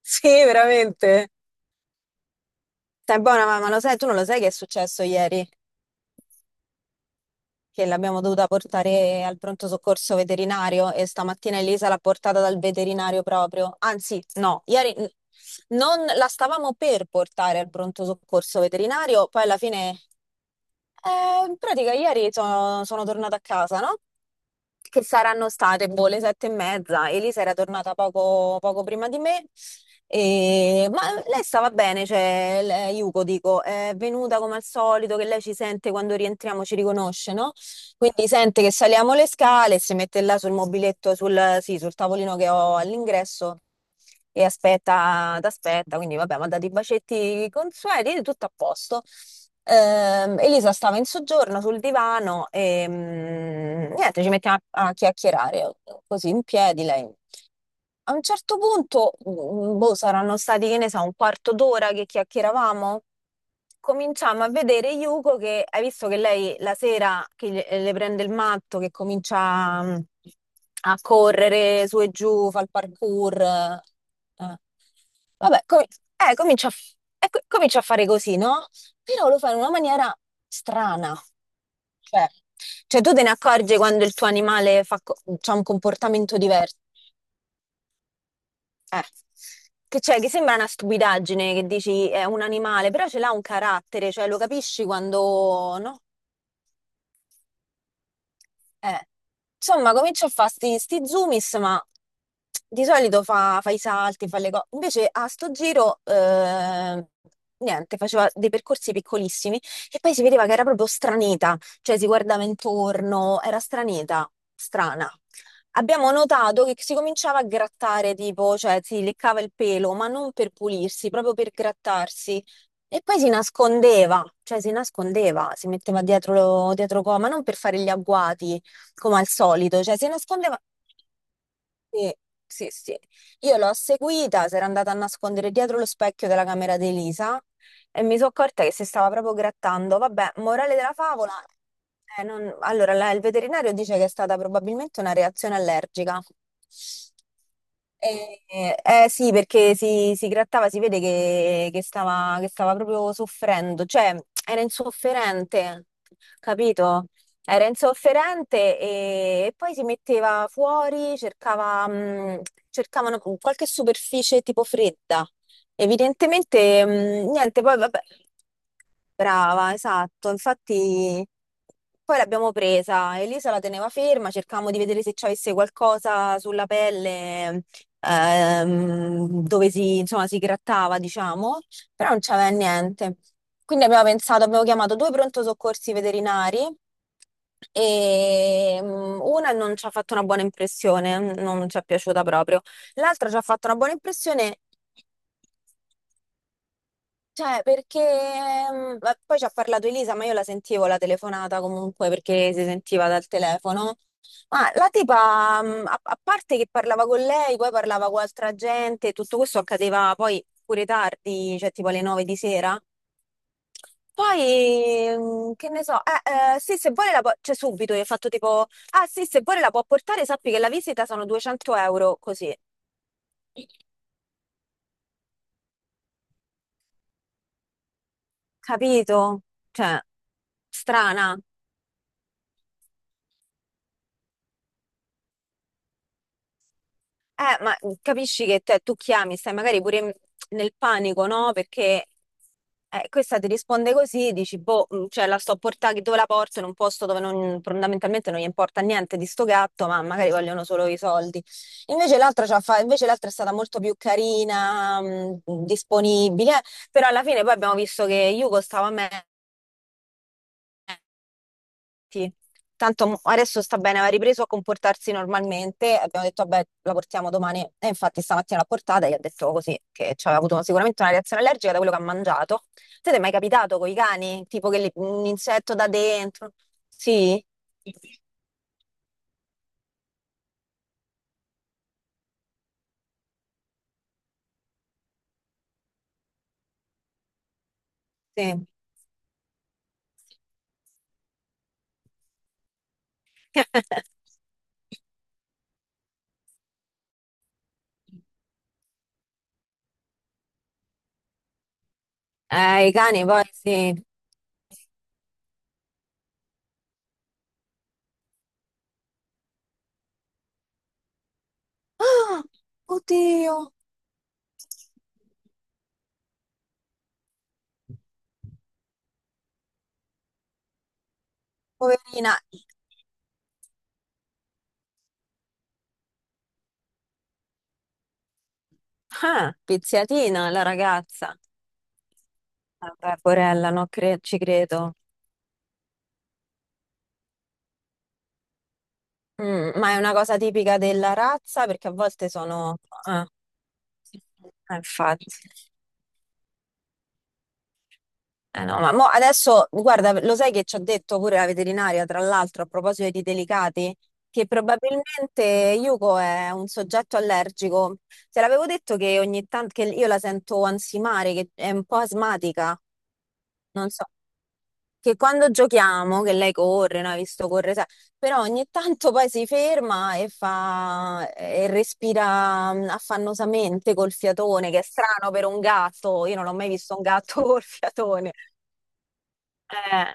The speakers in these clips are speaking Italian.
Sì, veramente. Stai buona mamma, lo sai, tu non lo sai che è successo ieri? Che l'abbiamo dovuta portare al pronto soccorso veterinario e stamattina Elisa l'ha portata dal veterinario proprio. Anzi, no, ieri non la stavamo per portare al pronto soccorso veterinario, poi alla fine. In pratica ieri sono tornata a casa, no? Che saranno state, boh, le 7:30. Elisa era tornata poco prima di me. Ma lei stava bene, cioè, Yuko, dico, è venuta come al solito, che lei ci sente quando rientriamo, ci riconosce, no? Quindi sente che saliamo le scale, si mette là sul mobiletto, sul, sì, sul tavolino che ho all'ingresso e aspetta, t'aspetta. Quindi vabbè, mi ha dato i bacetti consueti, tutto a posto. Elisa stava in soggiorno sul divano e niente, ci mettiamo a chiacchierare così in piedi lei. A un certo punto, boh, saranno stati, che ne so, un quarto d'ora che chiacchieravamo. Cominciamo a vedere Yuko che hai visto che lei la sera che le prende il matto, che comincia a correre su e giù, fa il parkour. Eh. Vabbè, com- comincia a, f- e co- comincia a fare così, no? Però lo fa in una maniera strana. Cioè, cioè, tu te ne accorgi quando il tuo animale c'ha un comportamento diverso. Eh, che c'è, che sembra una stupidaggine che dici è un animale, però ce l'ha un carattere, cioè lo capisci quando, no? Eh, insomma, comincio a fare sti zoomis, ma di solito fa i salti, fa le cose. Invece a sto giro, niente, faceva dei percorsi piccolissimi e poi si vedeva che era proprio stranita, cioè si guardava intorno, era stranita, strana. Abbiamo notato che si cominciava a grattare, tipo, cioè si leccava il pelo, ma non per pulirsi, proprio per grattarsi. E poi si nascondeva, cioè si nascondeva, si metteva dietro, ma non per fare gli agguati, come al solito, cioè si nascondeva. Sì, sì, sì. Io l'ho seguita, si era andata a nascondere dietro lo specchio della camera di Elisa e mi sono accorta che si stava proprio grattando. Vabbè, morale della favola. Allora, il veterinario dice che è stata probabilmente una reazione allergica. Eh, eh, sì, perché si grattava, si vede che stava proprio soffrendo, cioè era insofferente, capito? Era insofferente e poi si metteva fuori, cercavano qualche superficie tipo fredda. Evidentemente, niente, poi vabbè, brava, esatto. Infatti, poi l'abbiamo presa. Elisa la teneva ferma, cercavamo di vedere se ci avesse qualcosa sulla pelle, dove si, insomma, si grattava, diciamo. Però non c'aveva niente. Quindi abbiamo pensato, abbiamo chiamato due pronto soccorsi veterinari e una non ci ha fatto una buona impressione, non ci è piaciuta proprio. L'altra ci ha fatto una buona impressione, cioè perché ma poi ci ha parlato Elisa, ma io la sentivo la telefonata comunque perché si sentiva dal telefono. Ma la tipa, a parte che parlava con lei, poi parlava con altra gente, tutto questo accadeva poi pure tardi, cioè tipo alle 9 di sera. Poi, che ne so, eh, sì, se vuole la può, cioè subito, io ho fatto tipo, ah sì, se vuole la può portare, sappi che la visita sono 200 euro, così, capito? Cioè, strana. Ma capisci che tu chiami, stai magari pure nel panico, no? Perché questa ti risponde così, dici, boh, cioè la sto a portare dove la porto, in un posto dove fondamentalmente non gli importa niente di sto gatto, ma magari vogliono solo i soldi. Invece l'altra è stata molto più carina, disponibile, però alla fine poi abbiamo visto che Yuko stava meglio. Sì. Tanto adesso sta bene, aveva ripreso a comportarsi normalmente. Abbiamo detto, vabbè, la portiamo domani. E infatti stamattina l'ha portata e gli ha detto così, che ci aveva avuto sicuramente una reazione allergica da quello che ha mangiato. Siete è mai capitato con i cani? Tipo che un insetto da dentro? Sì? Sì. I cani poi sì. Ah, oddio, poverina. Ah, pizziatina la ragazza. Vabbè, porella, no, ci credo. Mm, ma è una cosa tipica della razza perché a volte sono. Ah, infatti. Eh no, ma mo adesso, guarda, lo sai che ci ha detto pure la veterinaria, tra l'altro, a proposito di delicati, che probabilmente Yuko è un soggetto allergico. Te l'avevo detto che ogni tanto che io la sento ansimare, che è un po' asmatica. Non so. Che quando giochiamo, che lei corre, no? Hai visto corre, sai, però ogni tanto poi si ferma e fa e respira affannosamente col fiatone, che è strano per un gatto. Io non ho mai visto un gatto col fiatone. Eh,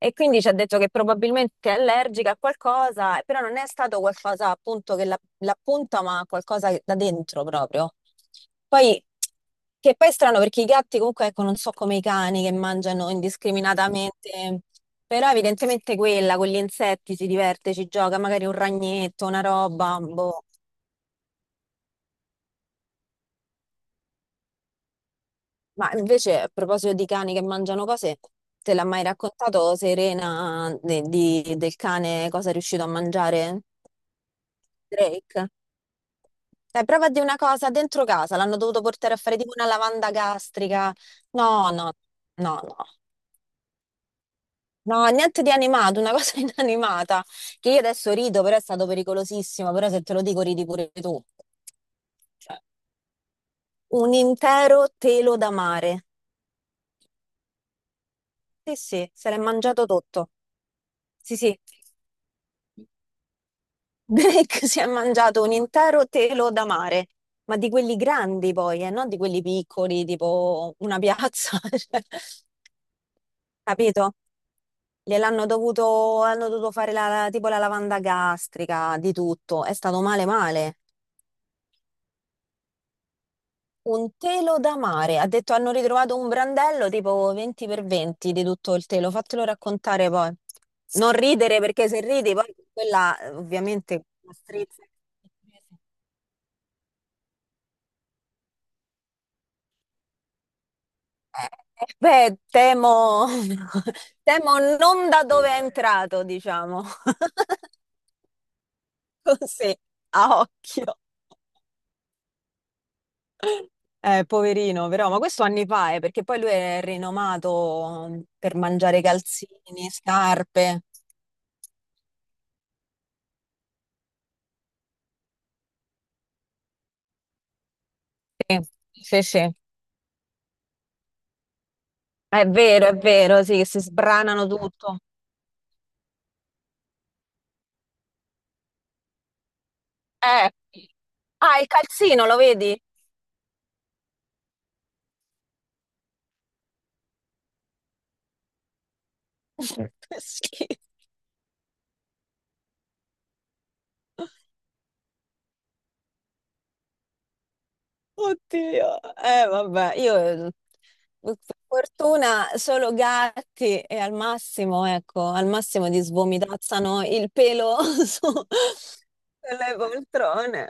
e quindi ci ha detto che probabilmente è allergica a qualcosa, però non è stato qualcosa appunto che l'appunta, ma qualcosa da dentro proprio. Poi, che poi è strano perché i gatti comunque, ecco, non so come i cani che mangiano indiscriminatamente, però evidentemente quella con gli insetti si diverte, ci gioca, magari un ragnetto, una roba, boh. Ma invece a proposito di cani che mangiano cose, te l'ha mai raccontato Serena del cane cosa è riuscito a mangiare? Drake. Dai, prova a dire una cosa, dentro casa l'hanno dovuto portare a fare tipo una lavanda gastrica. No, no, no, no. No, niente di animato, una cosa inanimata. Che io adesso rido, però è stato pericolosissimo, però se te lo dico ridi pure tu. Cioè, un intero telo da mare. Sì, sì, se l'è mangiato tutto. Sì, sì. Drake si è mangiato un intero telo da mare, ma di quelli grandi poi, non di quelli piccoli, tipo una piazza, cioè, capito? Hanno dovuto fare la, tipo la lavanda gastrica, di tutto. È stato male male. Un telo da mare. Ha detto hanno ritrovato un brandello tipo 20 per 20 di tutto il telo. Fatelo raccontare poi. Non ridere perché se ridi poi quella ovviamente la strizza. Eh, eh, beh, temo, temo non da dove è entrato, diciamo. Così, a occhio. Poverino, però, ma questo anni fa, perché poi lui è rinomato per mangiare calzini, scarpe. Sì, sì, sì. È vero, sì, che si sbranano tutto. Eh. Ah, il calzino, lo vedi? Che schifo. Oddio, eh vabbè, io eh, per fortuna solo gatti e al massimo, ecco, al massimo ti svomitazzano il pelo su- sulle poltrone.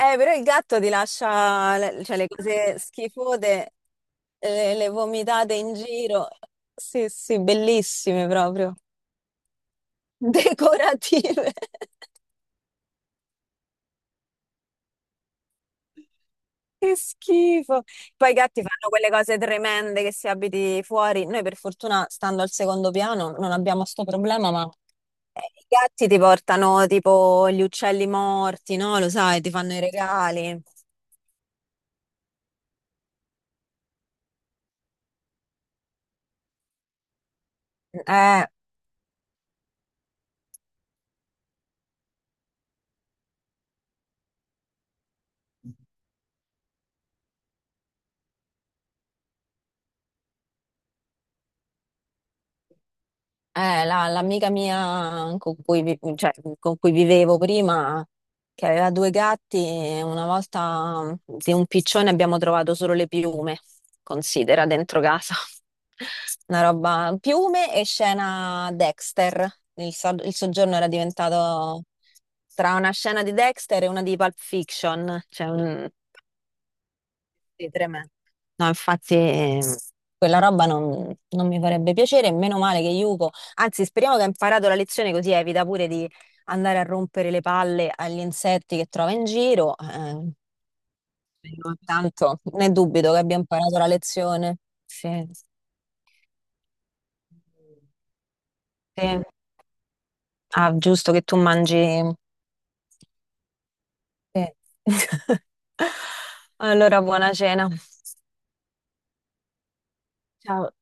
Però il gatto ti lascia le, cioè, le cose schifose, le, vomitate in giro. Sì, sì, bellissime proprio. Decorative. Che schifo. Poi i gatti fanno quelle cose tremende che si abiti fuori. Noi per fortuna, stando al secondo piano, non abbiamo sto problema, ma i gatti ti portano tipo gli uccelli morti, no? Lo sai, ti fanno i regali. Eh. L'amica mia con cui vivevo prima, che aveva due gatti, una volta di un piccione abbiamo trovato solo le piume, considera, dentro casa. Una roba, piume e scena Dexter. Il soggiorno era diventato tra una scena di Dexter e una di Pulp Fiction, cioè sì, tremendo. No, infatti quella roba non mi farebbe piacere, meno male che Yuko, anzi speriamo che ha imparato la lezione così evita pure di andare a rompere le palle agli insetti che trova in giro, però tanto ne dubito che abbia imparato la lezione. Sì, sì. Ah, giusto che tu mangi. Sì. Allora, buona cena. Ciao.